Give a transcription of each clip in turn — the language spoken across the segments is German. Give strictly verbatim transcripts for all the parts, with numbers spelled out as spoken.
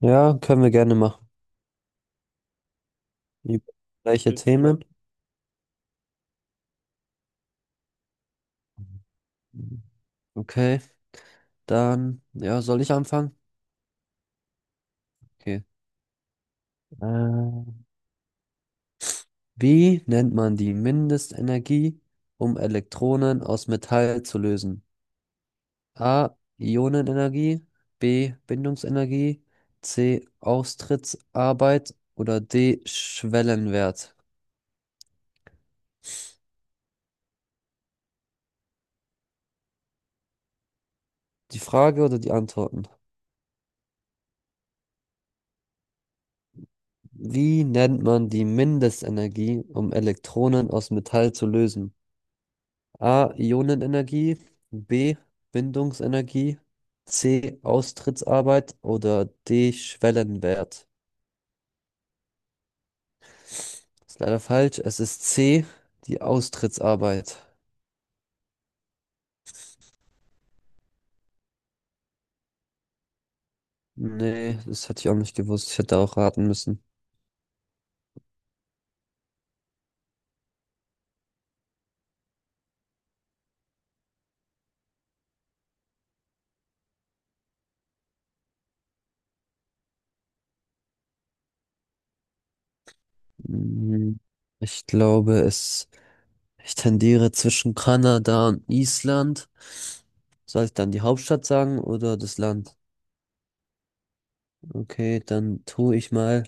Ja, können wir gerne machen. Über gleiche Themen. Okay, dann, ja, soll ich anfangen? Okay. Äh, Wie nennt man die Mindestenergie, um Elektronen aus Metall zu lösen? A. Ionenenergie, B. Bindungsenergie, C. Austrittsarbeit oder D. Schwellenwert. Die Frage oder die Antworten? Wie nennt man die Mindestenergie, um Elektronen aus Metall zu lösen? A. Ionenenergie, B. Bindungsenergie, C. Austrittsarbeit oder D. Schwellenwert. Ist leider falsch. Es ist C. Die Austrittsarbeit. Nee, das hatte ich auch nicht gewusst. Ich hätte auch raten müssen. Mhm. Ich glaube, es, Ich tendiere zwischen Kanada und Island. Soll ich dann die Hauptstadt sagen oder das Land? Okay, dann tue ich mal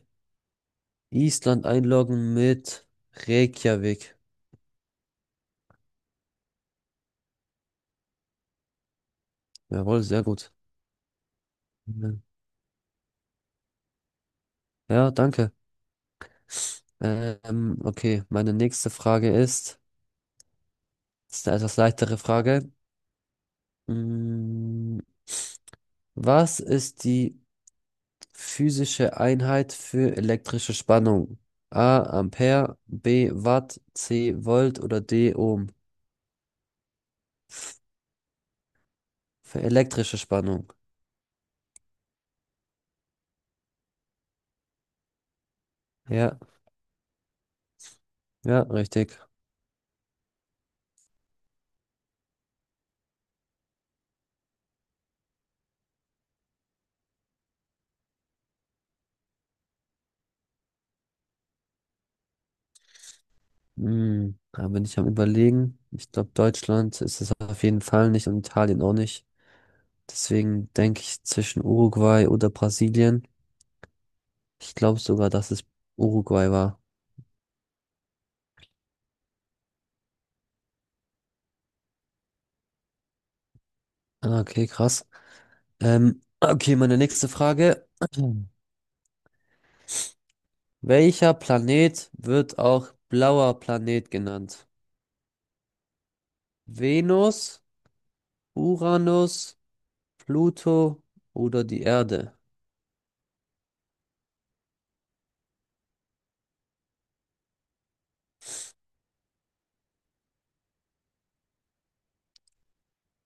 Island einloggen mit Reykjavik. Jawohl, sehr gut. Ja, danke. Ähm, okay, meine nächste Frage ist, ist eine etwas leichtere Frage. Mm, Was ist die physische Einheit für elektrische Spannung? A, Ampere, B, Watt, C, Volt oder D, Ohm? Für elektrische Spannung. Ja, ja, richtig. Mm, da bin ich am Überlegen. Ich glaube, Deutschland ist es auf jeden Fall nicht und Italien auch nicht. Deswegen denke ich zwischen Uruguay oder Brasilien. Ich glaube sogar, dass es Uruguay war. Ah, okay, krass. Ähm, okay, meine nächste Frage. Welcher Planet wird auch blauer Planet genannt? Venus, Uranus, Pluto oder die Erde?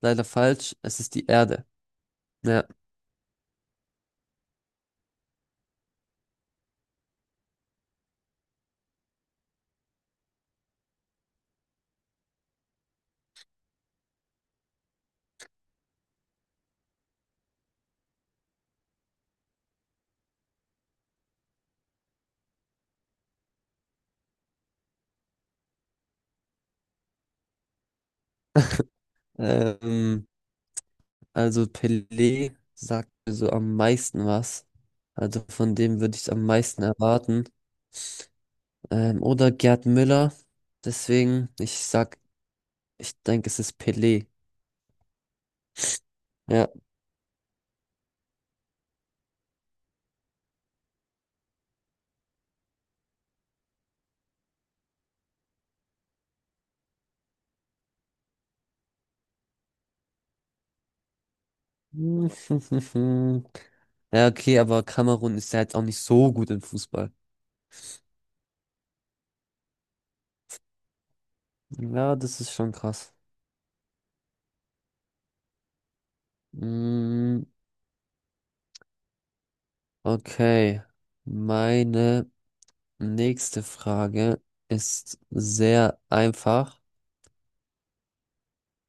Leider falsch, es ist die Erde. Ja, ähm, also Pelé sagt mir so am meisten was. Also von dem würde ich am meisten erwarten. Ähm, oder Gerd Müller. Deswegen, ich sag, ich denke, es ist Pelé. Ja. Ja, okay, aber Kamerun ist ja jetzt auch nicht so gut im Fußball. Ja, das ist schon krass. Mm, okay. Meine nächste Frage ist sehr einfach.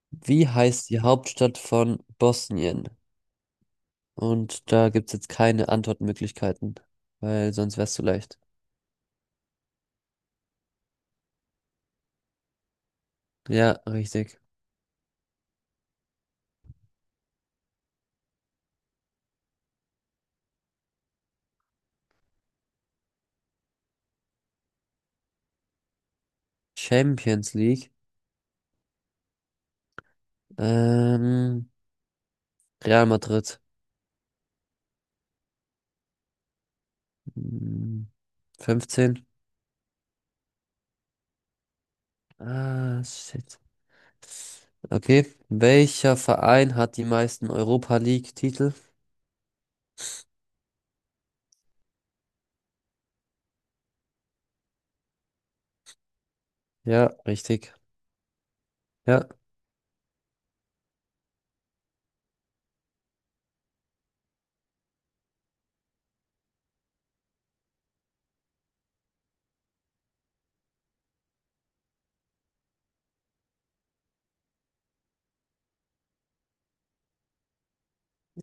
Wie heißt die Hauptstadt von Bosnien? Und da gibt es jetzt keine Antwortmöglichkeiten, weil sonst wär's zu leicht. Ja, richtig. Champions League. Ähm, Real Madrid. Hm, fünfzehn. Ah, shit. Okay. Welcher Verein hat die meisten Europa League-Titel? Ja, richtig. Ja,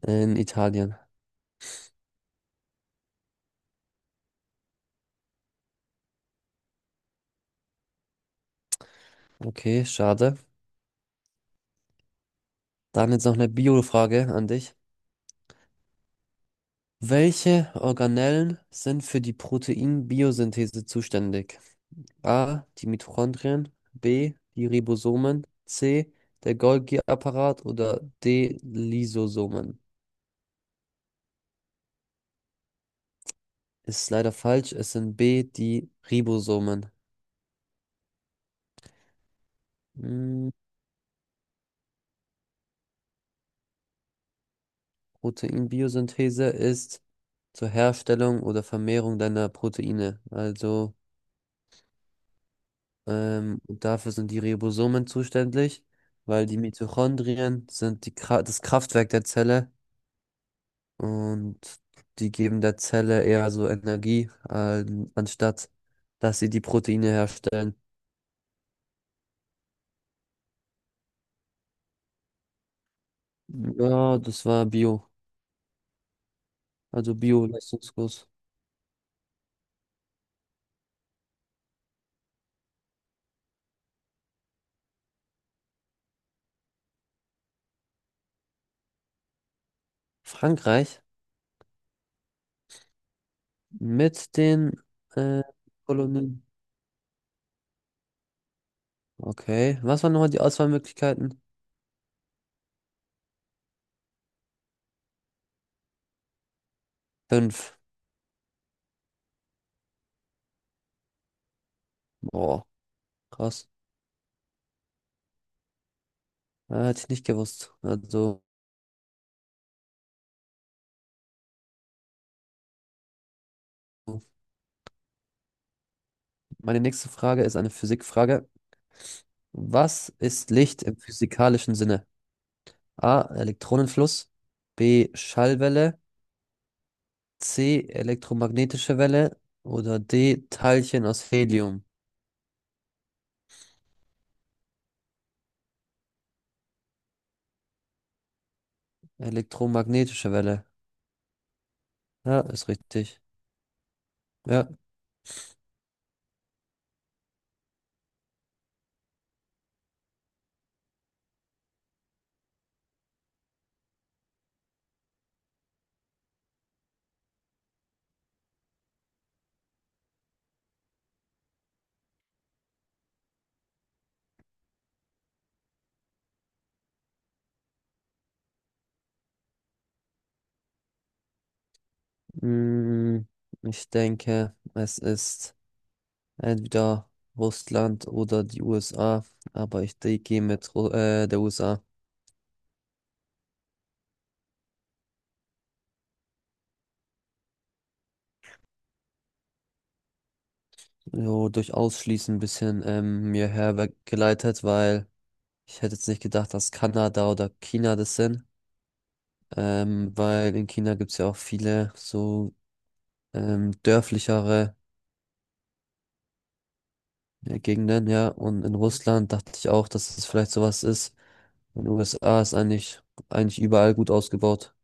in Italien. Okay, schade. Dann jetzt noch eine Bio-Frage an dich. Welche Organellen sind für die Proteinbiosynthese zuständig? A, die Mitochondrien, B, die Ribosomen, C, der Golgi-Apparat oder D, Lysosomen. Ist leider falsch, es sind B, die Ribosomen. Hm, Proteinbiosynthese ist zur Herstellung oder Vermehrung deiner Proteine. Also ähm, dafür sind die Ribosomen zuständig, weil die Mitochondrien sind die Kra das Kraftwerk der Zelle. Und die geben der Zelle eher so Energie, an- anstatt dass sie die Proteine herstellen. Ja, das war Bio, also Bio-Leistungskurs. Frankreich mit den äh, Kolonien. Okay, was waren nochmal die Auswahlmöglichkeiten? Fünf. Boah, krass. Äh, hätte ich nicht gewusst. Also, meine nächste Frage ist eine Physikfrage. Was ist Licht im physikalischen Sinne? A. Elektronenfluss. B. Schallwelle. C. Elektromagnetische Welle. Oder D. Teilchen aus Helium. Elektromagnetische Welle. Ja, ist richtig. Ja, mm, ich denke, es ist entweder Russland oder die U S A. Aber ich de- gehe mit Ru äh, der U S A. So durch Ausschließen ein bisschen ähm, mir hergeleitet, weil ich hätte jetzt nicht gedacht, dass Kanada oder China das sind. Ähm, weil in China gibt es ja auch viele so ähm, dörflichere Ja, Gegenden, ja. Und in Russland dachte ich auch, dass es vielleicht sowas ist. In den U S A ist eigentlich, eigentlich überall gut ausgebaut.